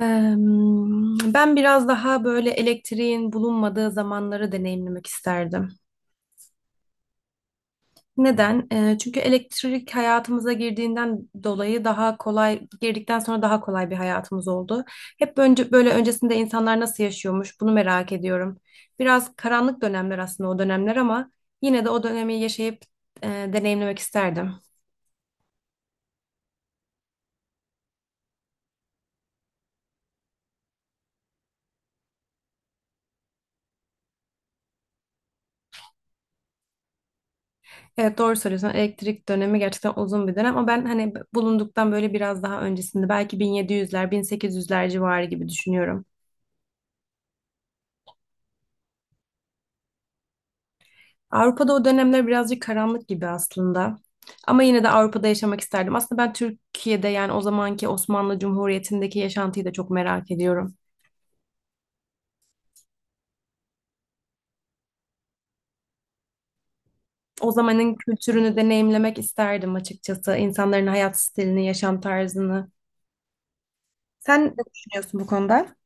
Ben biraz daha böyle elektriğin bulunmadığı zamanları deneyimlemek isterdim. Neden? Çünkü elektrik hayatımıza girdiğinden dolayı daha girdikten sonra daha kolay bir hayatımız oldu. Hep önce Böyle öncesinde insanlar nasıl yaşıyormuş bunu merak ediyorum. Biraz karanlık dönemler aslında o dönemler ama yine de o dönemi yaşayıp deneyimlemek isterdim. Evet, doğru söylüyorsun. Elektrik dönemi gerçekten uzun bir dönem ama ben hani bulunduktan böyle biraz daha öncesinde belki 1700'ler, 1800'ler civarı gibi düşünüyorum. Avrupa'da o dönemler birazcık karanlık gibi aslında. Ama yine de Avrupa'da yaşamak isterdim. Aslında ben Türkiye'de yani o zamanki Osmanlı Cumhuriyeti'ndeki yaşantıyı da çok merak ediyorum. O zamanın kültürünü deneyimlemek isterdim açıkçası. İnsanların hayat stilini, yaşam tarzını. Sen ne düşünüyorsun bu konuda?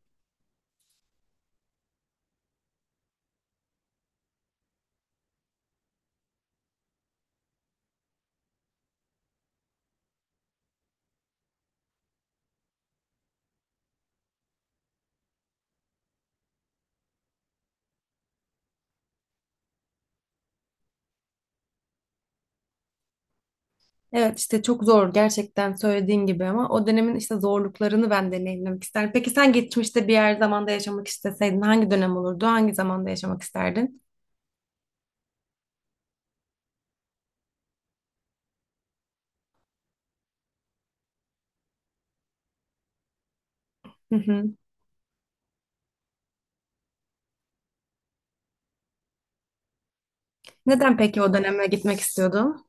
Evet işte çok zor gerçekten söylediğin gibi ama o dönemin işte zorluklarını ben deneyimlemek isterim. Peki sen geçmişte bir yer zamanda yaşamak isteseydin hangi dönem olurdu? Hangi zamanda yaşamak isterdin? Hı hı. Neden peki o döneme gitmek istiyordun?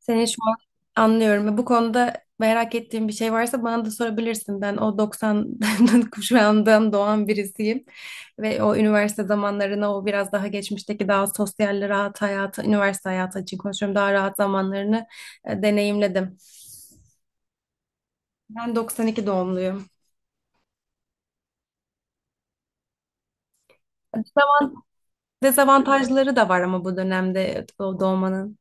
Seni şu an anlıyorum. Bu konuda merak ettiğin bir şey varsa bana da sorabilirsin. Ben o 90 kuşağından doğan birisiyim. Ve o üniversite zamanlarına, o biraz daha geçmişteki daha sosyal, rahat hayatı, üniversite hayatı için konuşuyorum. Daha rahat zamanlarını deneyimledim. Ben 92 doğumluyum. Dezavantajları da var ama bu dönemde doğmanın.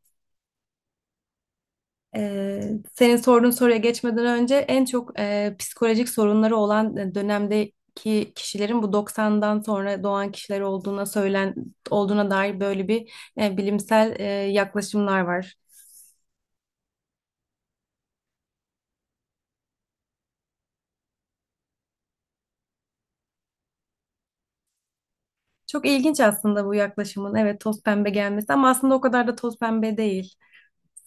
Ee, senin sorduğun soruya geçmeden önce en çok psikolojik sorunları olan dönemdeki kişilerin bu 90'dan sonra doğan kişiler olduğuna dair böyle bir bilimsel yaklaşımlar var. Çok ilginç aslında bu yaklaşımın evet toz pembe gelmesi ama aslında o kadar da toz pembe değil.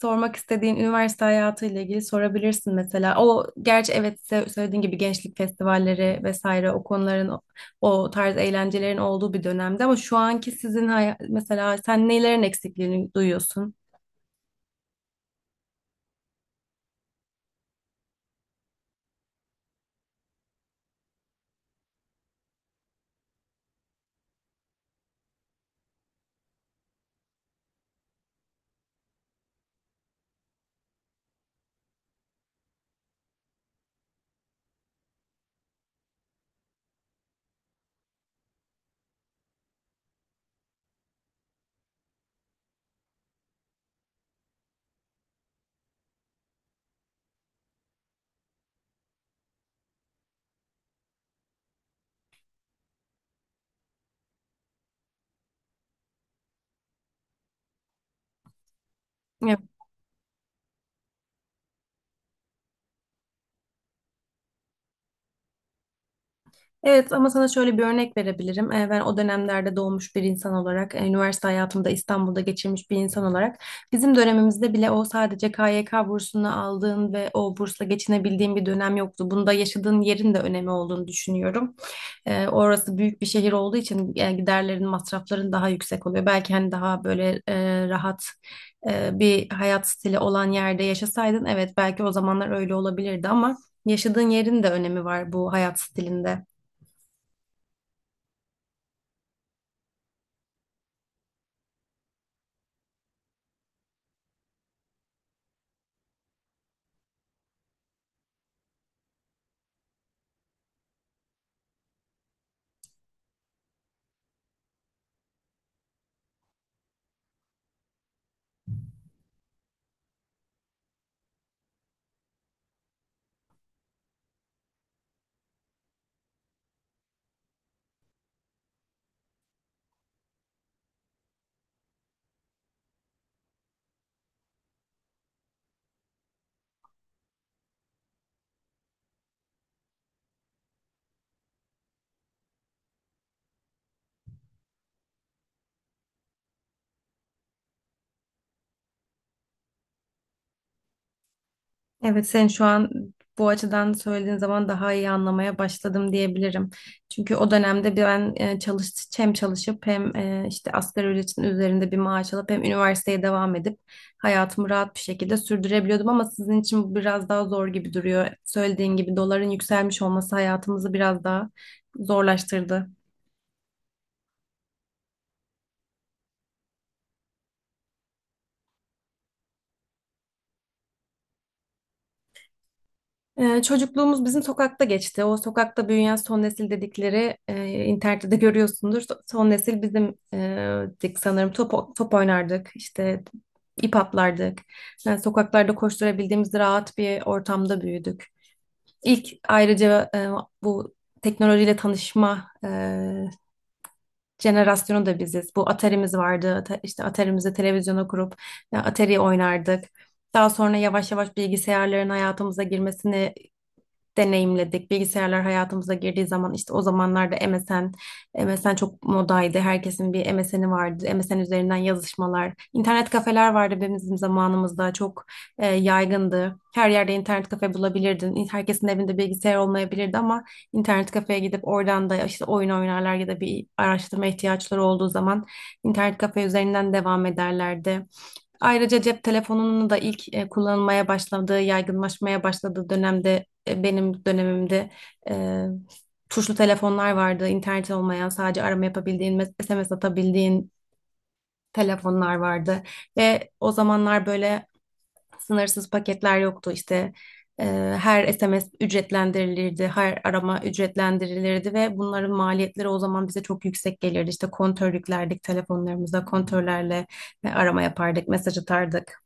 Sormak istediğin üniversite hayatıyla ilgili sorabilirsin mesela. O gerçi evet söylediğin gibi gençlik festivalleri vesaire o konuların o tarz eğlencelerin olduğu bir dönemde ama şu anki sizin mesela sen nelerin eksikliğini duyuyorsun? Evet ama sana şöyle bir örnek verebilirim. Ben o dönemlerde doğmuş bir insan olarak, üniversite hayatımda İstanbul'da geçirmiş bir insan olarak bizim dönemimizde bile o sadece KYK bursunu aldığın ve o bursla geçinebildiğin bir dönem yoktu. Bunda yaşadığın yerin de önemi olduğunu düşünüyorum. Orası büyük bir şehir olduğu için giderlerin, masrafların daha yüksek oluyor. Belki hani daha böyle rahat bir hayat stili olan yerde yaşasaydın evet belki o zamanlar öyle olabilirdi ama yaşadığın yerin de önemi var bu hayat stilinde. Evet, sen şu an bu açıdan söylediğin zaman daha iyi anlamaya başladım diyebilirim. Çünkü o dönemde ben e, çalış hem çalışıp hem işte asgari ücretin üzerinde bir maaş alıp hem üniversiteye devam edip hayatımı rahat bir şekilde sürdürebiliyordum ama sizin için bu biraz daha zor gibi duruyor. Söylediğin gibi doların yükselmiş olması hayatımızı biraz daha zorlaştırdı. Çocukluğumuz bizim sokakta geçti. O sokakta büyüyen son nesil dedikleri internette de görüyorsundur. Son nesil bizim dik sanırım top oynardık, işte ip atlardık. Yani sokaklarda koşturabildiğimiz rahat bir ortamda büyüdük. İlk ayrıca bu teknolojiyle tanışma jenerasyonu da biziz. Bu Atari'miz vardı. İşte Atari'mizi televizyona kurup Atari oynardık. Daha sonra yavaş yavaş bilgisayarların hayatımıza girmesini deneyimledik. Bilgisayarlar hayatımıza girdiği zaman işte o zamanlarda MSN çok modaydı. Herkesin bir MSN'i vardı. MSN üzerinden yazışmalar. İnternet kafeler vardı bizim zamanımızda. Çok yaygındı. Her yerde internet kafe bulabilirdin. Herkesin evinde bilgisayar olmayabilirdi ama internet kafeye gidip oradan da işte oyun oynarlar ya da bir araştırma ihtiyaçları olduğu zaman internet kafe üzerinden devam ederlerdi. Ayrıca cep telefonunun da ilk kullanılmaya başladığı, yaygınlaşmaya başladığı dönemde benim dönemimde e, tuşlu telefonlar vardı. İnternet olmayan, sadece arama yapabildiğin, SMS atabildiğin telefonlar vardı. Ve o zamanlar böyle sınırsız paketler yoktu işte. Ee, her SMS ücretlendirilirdi, her arama ücretlendirilirdi ve bunların maliyetleri o zaman bize çok yüksek gelirdi. İşte kontör yüklerdik telefonlarımıza, kontörlerle arama yapardık, mesaj atardık.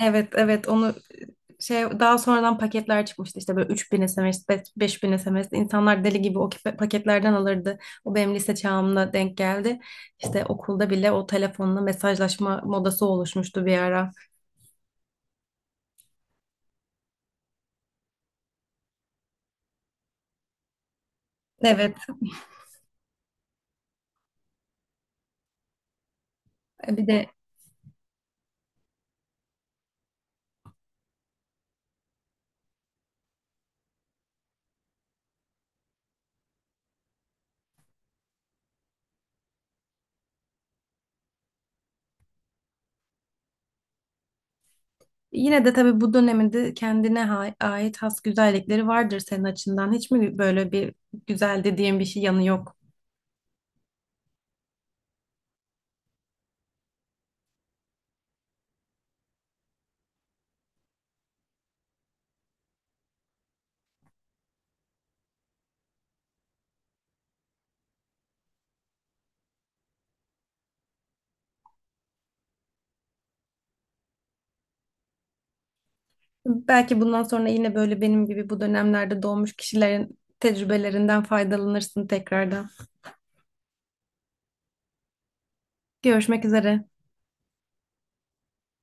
Evet, onu şey daha sonradan paketler çıkmıştı işte böyle 3000 SMS, 5000 SMS insanlar deli gibi o paketlerden alırdı. O benim lise çağımda denk geldi. İşte okulda bile o telefonla mesajlaşma modası oluşmuştu bir ara. Evet, bir de yine de tabii bu döneminde kendine ait has güzellikleri vardır senin açından. Hiç mi böyle bir güzel dediğin bir şey yanı yok? Belki bundan sonra yine böyle benim gibi bu dönemlerde doğmuş kişilerin tecrübelerinden faydalanırsın tekrardan. Görüşmek üzere.